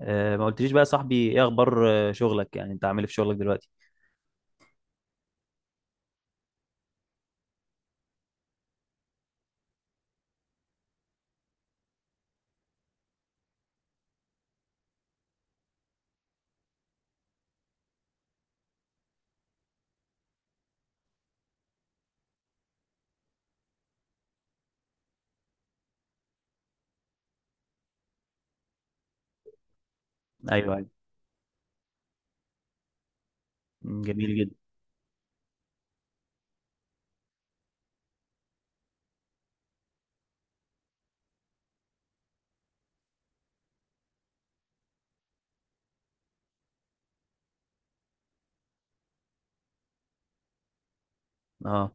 ما قلتليش بقى يا صاحبي، ايه اخبار شغلك؟ يعني انت عامل إيه في شغلك دلوقتي؟ ايوه ايوه. مم، جميل جدا. اه،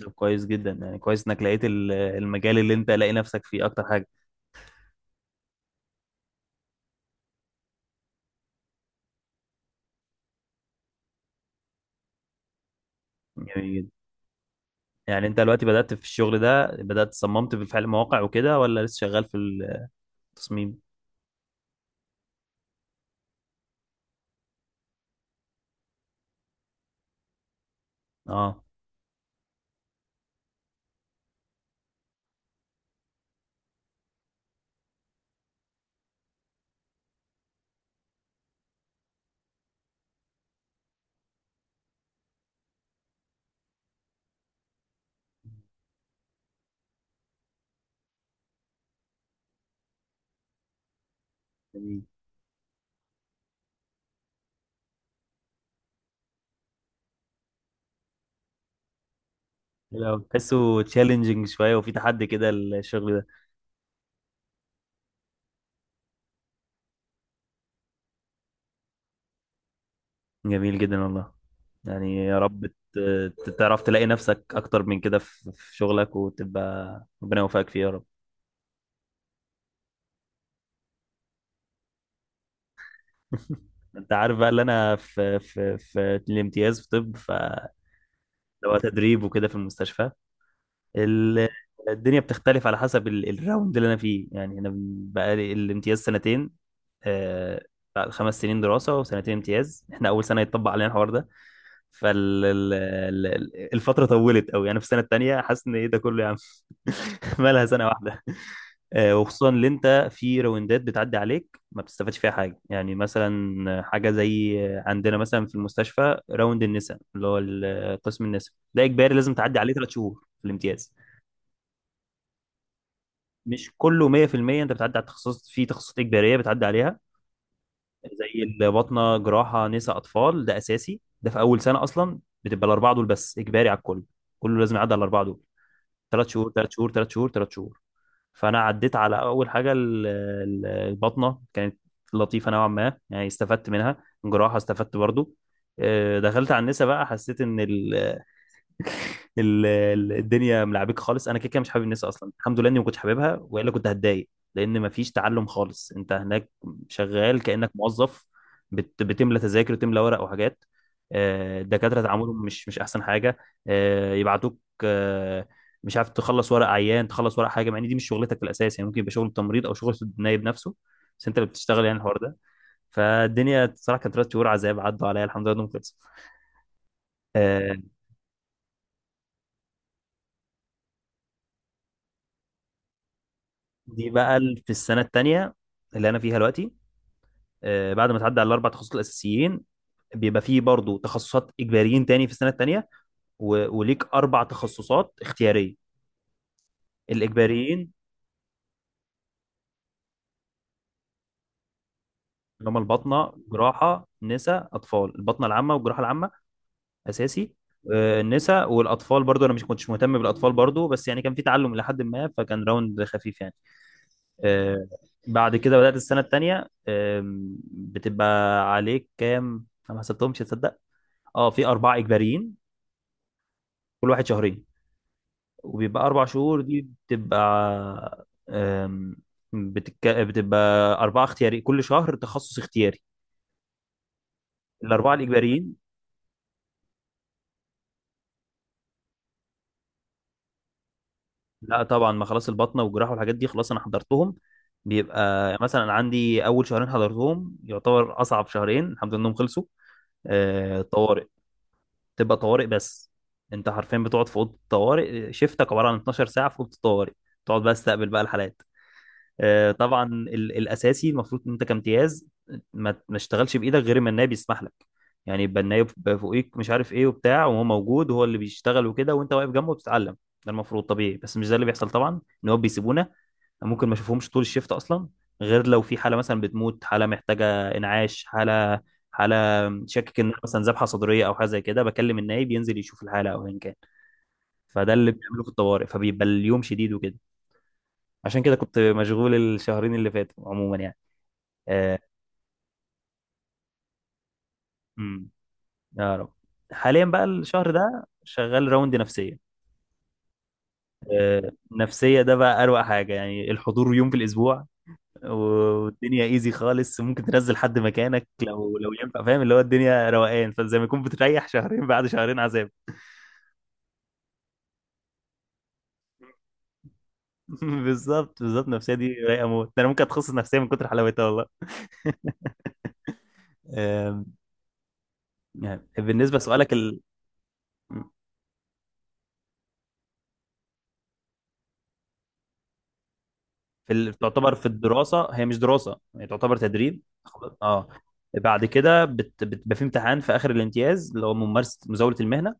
طب كويس جدا. يعني كويس انك لقيت المجال اللي انت لاقي نفسك فيه اكتر حاجه. جميل جدا. يعني انت دلوقتي بدأت في الشغل ده، بدأت صممت بالفعل مواقع وكده، ولا لسه شغال في التصميم؟ اه. جميل. حلو أوي. تحسه تشالنجينج شويه وفي تحدي كده الشغل ده؟ جميل جدا والله. يعني يا رب تعرف تلاقي نفسك اكتر من كده في في شغلك، وتبقى ربنا يوفقك فيه يا رب. انت عارف بقى اللي انا في الامتياز، في طب، اللي هو تدريب وكده في المستشفى. ال- الدنيا بتختلف على حسب الراوند اللي انا فيه. يعني انا بقى لي الامتياز سنتين. آه، بعد 5 سنين دراسه وسنتين امتياز، احنا اول سنه يتطبق علينا الحوار ده. فالفتره طولت قوي. انا في السنه الثانيه حاسس ان ايه ده كله يا عم. مالها سنه واحده؟ وخصوصا اللي انت في روندات بتعدي عليك ما بتستفادش فيها حاجه. يعني مثلا حاجه زي عندنا مثلا في المستشفى راوند النساء، اللي هو قسم النساء، ده اجباري، لازم تعدي عليه 3 شهور في الامتياز. مش كله 100%، انت بتعدي على التخصص. في تخصصات اجباريه بتعدي عليها زي الباطنه، جراحه، نساء، اطفال. ده اساسي، ده في اول سنه اصلا، بتبقى الاربعه دول بس اجباري على الكل. كله لازم يعدي على الاربعه دول. ثلاث شهور، ثلاث شهور، ثلاث شهور، ثلاث شهور. فانا عديت على اول حاجه، البطنه، كانت لطيفه نوعا ما، يعني استفدت منها. الجراحه استفدت برضو. دخلت على النسا بقى، حسيت ان الدنيا ملعبك خالص. انا كده كده مش حابب الناس اصلا، الحمد لله اني ما كنتش حاببها والا كنت هتضايق. لان ما فيش تعلم خالص، انت هناك شغال كانك موظف. بتملى تذاكر وتملى ورق وحاجات. الدكاتره تعاملهم مش احسن حاجه. يبعتوك، مش عارف، تخلص ورق عيان، تخلص ورق حاجه، مع ان دي مش شغلتك في الاساس. يعني ممكن يبقى شغل تمريض او شغل النايب نفسه بس انت اللي بتشتغل. يعني الحوار ده. فالدنيا بصراحه كانت 3 شهور عذاب عدوا عليا. الحمد لله انهم خلصوا. آه، دي بقى في السنه الثانيه اللي انا فيها دلوقتي. بعد ما تعدي على الاربع تخصصات الاساسيين، بيبقى فيه برضو تخصصات اجباريين تاني في السنه الثانيه. وليك اربع تخصصات اختياريه. الاجباريين اللي هم الباطنه، جراحه، نساء، اطفال. الباطنه العامه والجراحه العامه اساسي. النساء والاطفال برضو، انا مش كنتش مهتم بالاطفال برضو، بس يعني كان في تعلم الى حد ما، فكان راوند خفيف يعني. آه، بعد كده بدات السنه الثانيه. بتبقى عليك كام؟ انا ما حسبتهمش تصدق. اه، في أربعة إجباريين، كل واحد شهرين، وبيبقى 4 شهور. دي بتبقى بتبقى أربعة اختياري، كل شهر تخصص اختياري. الأربعة الإجباريين. لا طبعا، ما خلاص البطنة والجراحة والحاجات دي خلاص أنا حضرتهم. بيبقى مثلا عندي أول شهرين حضرتهم، يعتبر أصعب شهرين، الحمد لله إنهم خلصوا. طوارئ. تبقى طوارئ بس. أنت حرفيا بتقعد في أوضة الطوارئ. شيفتك عبارة عن 12 ساعة في أوضة الطوارئ. تقعد بقى تستقبل بقى الحالات، طبعا. الاساسي المفروض ان انت كامتياز ما تشتغلش بايدك غير ما النائب يسمح لك. يعني يبقى النائب فوقيك، مش عارف ايه وبتاع، وهو موجود وهو اللي بيشتغل وكده وانت واقف جنبه بتتعلم. ده المفروض طبيعي، بس مش ده اللي بيحصل طبعا. ان هو بيسيبونا، ممكن ما اشوفهمش طول الشيفت اصلا، غير لو في حاله مثلا بتموت، حاله محتاجه انعاش، حاله، حاله شاكك ان مثلا ذبحه صدريه او حاجه زي كده، بكلم النائب ينزل يشوف الحاله او ايا كان. فده اللي بيعمله في الطوارئ، فبيبقى اليوم شديد وكده. عشان كده كنت مشغول الشهرين اللي فاتوا عموما يعني. آه، امم يا رب. حاليا بقى الشهر ده شغال راوند نفسية. نفسية ده بقى أروع حاجة، يعني الحضور يوم في الأسبوع والدنيا ايزي خالص، ممكن تنزل حد مكانك لو ينفع، فاهم، اللي هو الدنيا روقان، فزي ما يكون بتريح شهرين بعد شهرين عذاب. بالظبط بالظبط، النفسية دي رايقة موت. ده أنا ممكن أتخصص نفسية من كتر حلاوتها والله. آم، يعني بالنسبة لسؤالك تعتبر في الدراسه. هي مش دراسه، هي تعتبر تدريب. اه، بعد كده بتبقى في امتحان في اخر الامتياز، اللي هو ممارسه، مزاوله المهنه.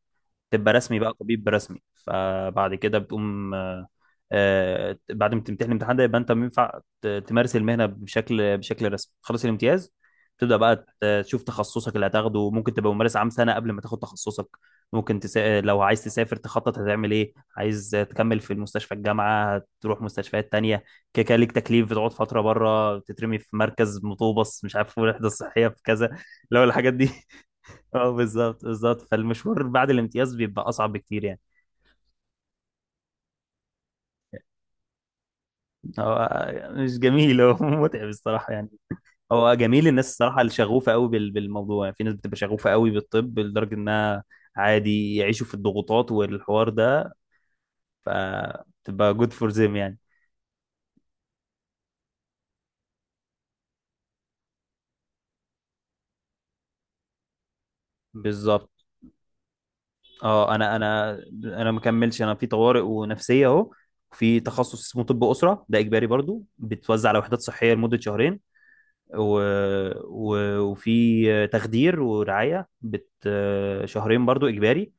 تبقى رسمي بقى، طبيب رسمي. فبعد كده بتقوم، بعد ما تمتحن الامتحان ده يبقى انت ينفع تمارس المهنه بشكل رسمي. خلص الامتياز، تبدا بقى تشوف تخصصك اللي هتاخده. ممكن تبقى ممارس عام سنه قبل ما تاخد تخصصك. لو عايز تسافر تخطط هتعمل ايه، عايز تكمل في المستشفى الجامعه، هتروح مستشفيات تانية. كده كده ليك تكليف، بتقعد فتره بره، تترمي في مركز مطوبس مش عارف، وحده صحيه في كذا، لو الحاجات دي. اه بالظبط بالظبط، فالمشوار بعد الامتياز بيبقى اصعب بكتير يعني. هو مش جميل، هو متعب الصراحه يعني. هو جميل الناس الصراحه اللي شغوفه قوي بالموضوع، يعني في ناس بتبقى شغوفه قوي بالطب لدرجه انها عادي يعيشوا في الضغوطات والحوار ده. فتبقى جود فور ذيم يعني. بالظبط. اه، انا ما كملش. انا في طوارئ ونفسيه اهو. في تخصص اسمه طب اسره، ده اجباري برضو، بتوزع على وحدات صحيه لمده شهرين. و... وفي تخدير ورعاية شهرين برضو إجباري،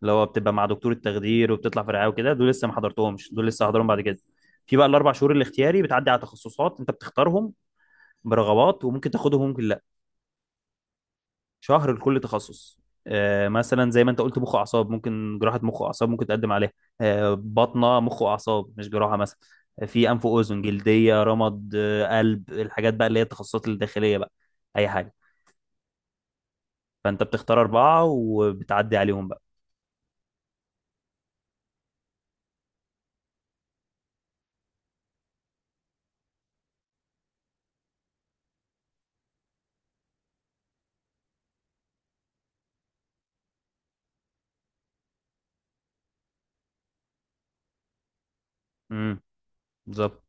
اللي هو بتبقى مع دكتور التخدير وبتطلع في رعاية وكده. دول لسه ما حضرتهمش، دول لسه هحضرهم بعد كده. في بقى الـ 4 شهور الاختياري بتعدي على تخصصات أنت بتختارهم برغبات، وممكن تاخدهم وممكن لأ. شهر لكل تخصص. مثلا زي ما انت قلت، مخ واعصاب، ممكن جراحه مخ واعصاب، ممكن تقدم عليها. بطنه، مخ واعصاب مش جراحه مثلا. في انف واذن، جلديه، رمد، قلب، الحاجات بقى اللي هي التخصصات الداخليه بقى. اي حاجه. فانت بتختار اربعه وبتعدي عليهم بقى. امم. بالظبط.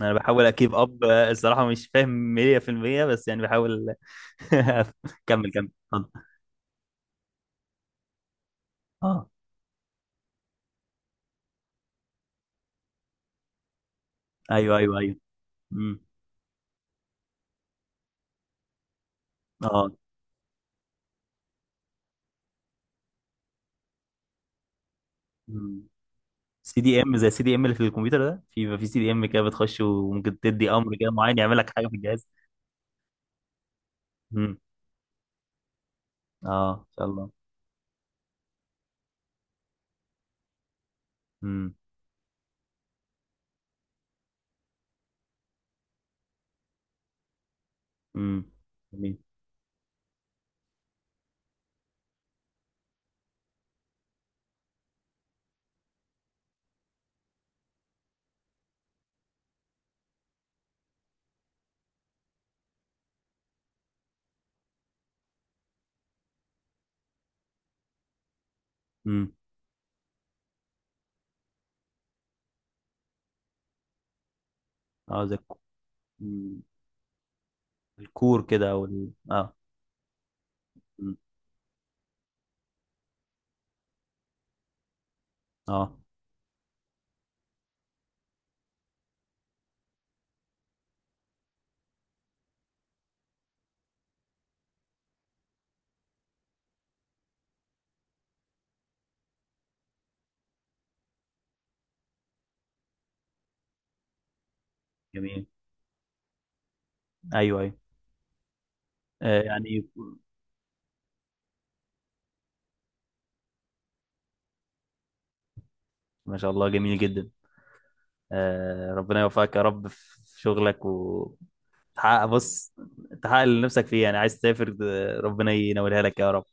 انا بحاول اكيب اب الصراحه، مش فاهم 100% بس يعني بحاول. كمل كمل اتفضل. اه، ايوه ايوه ايوه. امم. اه، سي دي ام زي السي دي ام اللي في الكمبيوتر. ده في سي دي ام كده بتخش وممكن تدي امر كده معين يعمل لك حاجه في الجهاز. امم. اه، ان شاء الله. امم. امم. جميل. امم. اه، زي مم. الكور كده، او اه. مم. اه، جميل. ايوه ايوه. يعني، ما شاء الله جميل جدا. ربنا يوفقك يا رب في شغلك وتحقق. بص، تحقق اللي نفسك فيه. يعني عايز تسافر، ربنا ينولها لك يا رب.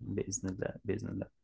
بإذن الله، بإذن الله.